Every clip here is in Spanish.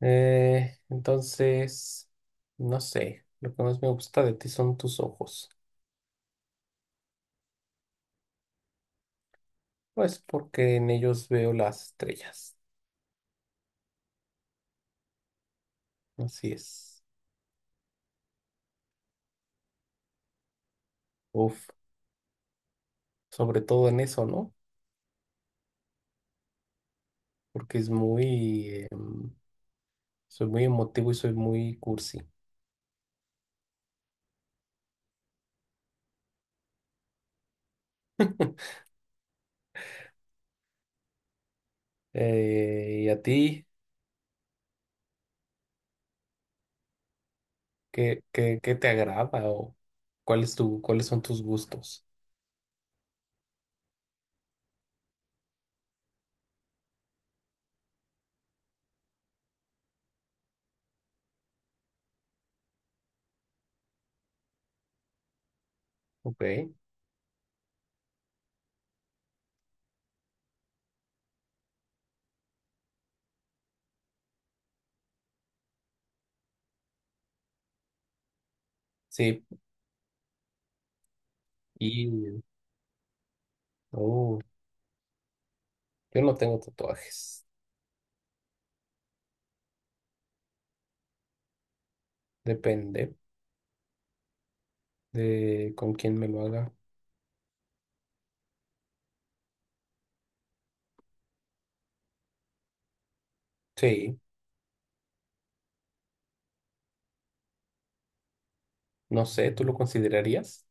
Entonces, no sé, lo que más me gusta de ti son tus ojos. Pues porque en ellos veo las estrellas. Así es. Uf, sobre todo en eso, ¿no? Porque soy muy emotivo y soy muy cursi. ¿Y a ti qué te agrada o cuáles son tus gustos? Ok, sí, y oh, yo no tengo tatuajes, depende de con quién me lo haga. Sí, no sé, ¿tú lo considerarías?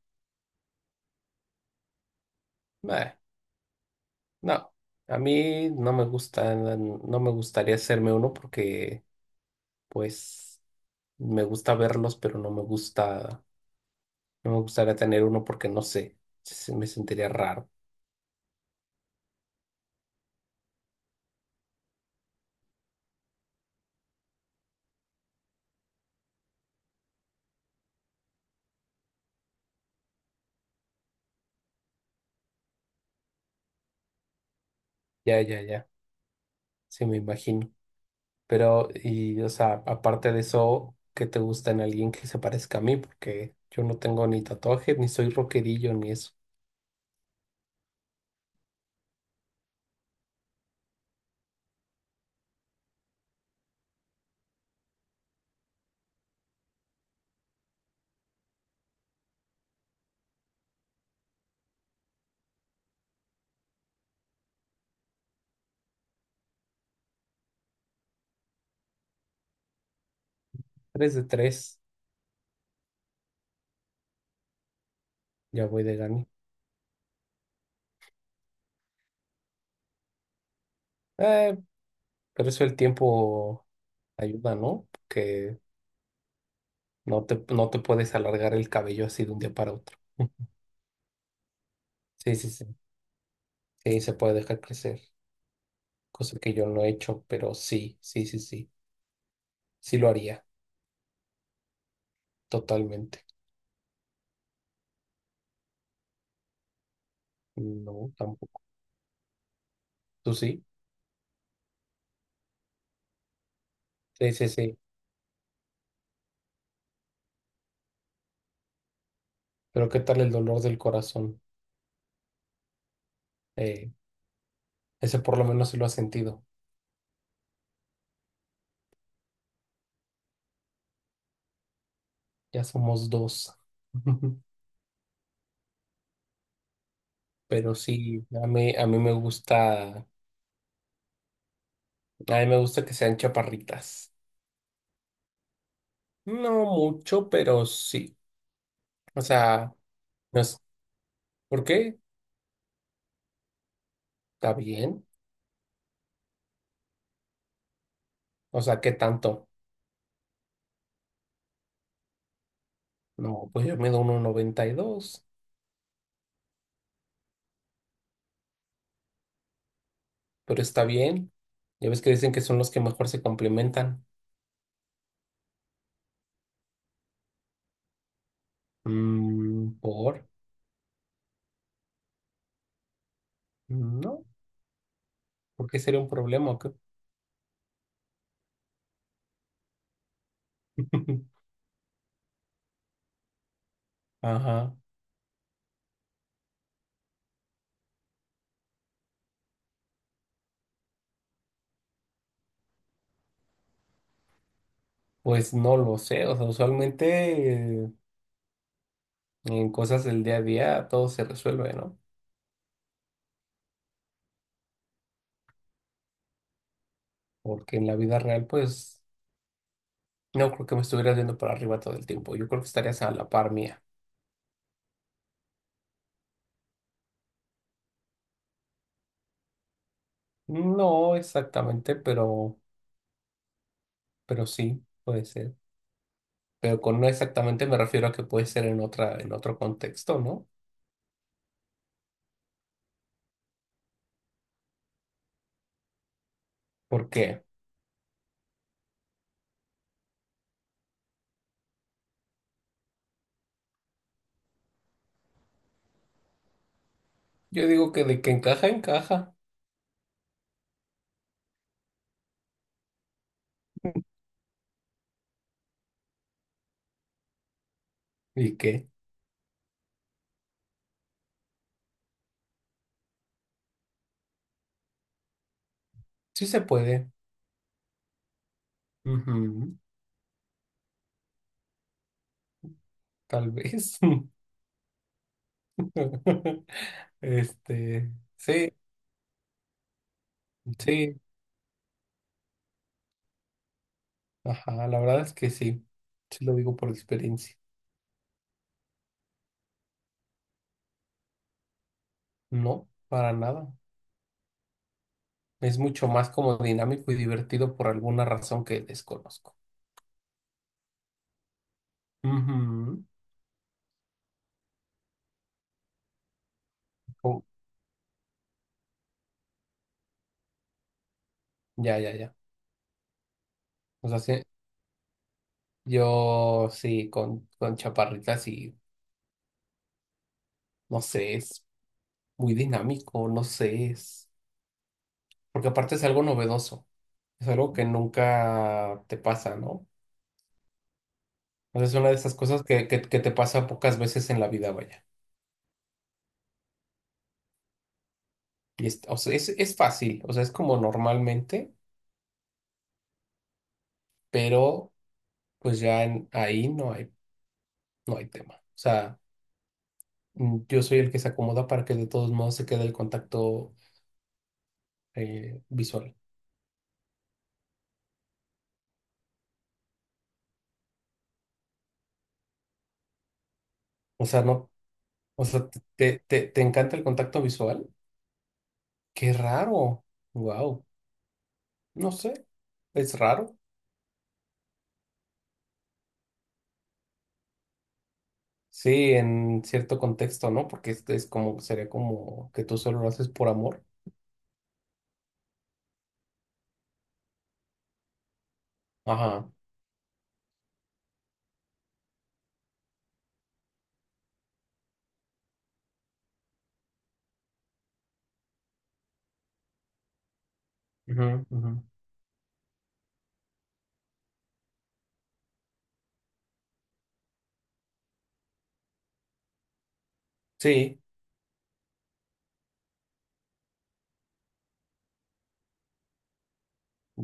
Nah, no, a mí no me gusta, no me gustaría hacerme uno porque, pues, me gusta verlos, pero no me gusta, no me gustaría tener uno porque no sé, me sentiría raro. Ya, ya, ya, sí me imagino. Pero, y, o sea, aparte de eso, ¿qué te gusta en alguien que se parezca a mí? Porque yo no tengo ni tatuaje, ni soy rockerillo, ni eso. Tres de tres, ya voy de gane. Eh, pero eso el tiempo. Ayuda, ¿no? Que no te puedes alargar el cabello así de un día para otro. Sí, sí, sí. Sí, se puede dejar crecer. Cosa que yo no he hecho, pero sí, sí, sí, sí. Sí lo haría, totalmente. No, tampoco. ¿Tú sí? Sí, sí, sí. Pero ¿qué tal el dolor del corazón? Eh, Ese por lo menos se lo ha sentido. Ya somos dos. Pero sí, a mí me gusta que sean chaparritas. No mucho, pero sí. O sea, no. ¿Por qué? Está bien. O sea, ¿qué tanto? No, pues yo mido 1.92, pero está bien. Ya ves que dicen que son los que mejor se complementan. Mm, ¿por? No, ¿por qué sería un problema? ¿O qué? Ajá. Pues no lo sé. O sea, usualmente eh, en cosas del día a día todo se resuelve, ¿no? Porque en la vida real, pues no creo que me estuvieras viendo para arriba todo el tiempo. Yo creo que estarías a la par mía. No exactamente, pero sí, puede ser. Pero con no exactamente me refiero a que puede ser en otro contexto, ¿no? Porque yo digo que de que encaja, encaja. ¿Y que? Sí se puede. Ujú, tal vez. Este, sí, sí. Ajá, la verdad es que sí. Sí lo digo por experiencia. No, para nada. Es mucho más como dinámico y divertido por alguna razón que desconozco. Ujú. Oh, ya, ya, ya. O sea, sí, yo sí, con chaparritas y no sé, es muy dinámico, no sé, es. Porque aparte es algo novedoso, es algo que nunca te pasa, ¿no? Entonces es una de esas cosas que te pasa pocas veces en la vida, vaya. Y o sea, es fácil, o sea, es como normalmente, pero pues ya ahí no hay tema. O sea, yo soy el que se acomoda para que de todos modos se quede el contacto visual. O sea, no, o sea, te encanta el contacto visual. Qué raro. Wow. No sé, es raro. Sí, en cierto contexto, ¿no? Porque este es como, sería como que tú solo lo haces por amor. Ajá. Ujú, ujú. Sí.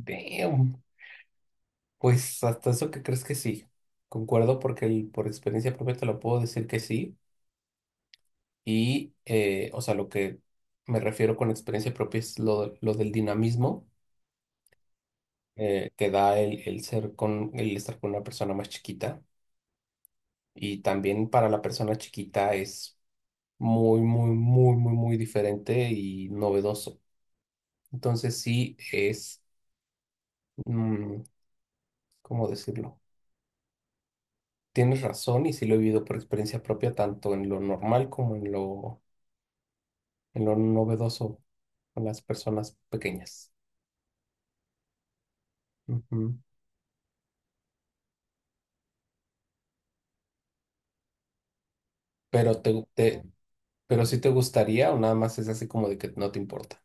Damn. Pues hasta eso que crees que sí. Concuerdo porque por experiencia propia te lo puedo decir que sí. Y, o sea, lo que me refiero con experiencia propia es lo del dinamismo que da el el estar con una persona más chiquita. Y también para la persona chiquita es muy, muy, muy, muy, muy diferente y novedoso. Entonces sí es, mm, ¿cómo decirlo? Tienes razón y sí lo he vivido por experiencia propia, tanto en lo normal como en lo novedoso con las personas pequeñas. Ujú. Pero te, te- pero sí te gustaría o nada más es así como de que no te importa.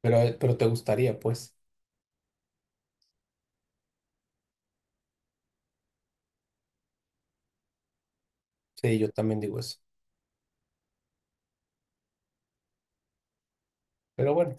Pero te gustaría, pues. Sí, yo también digo eso. Pero bueno.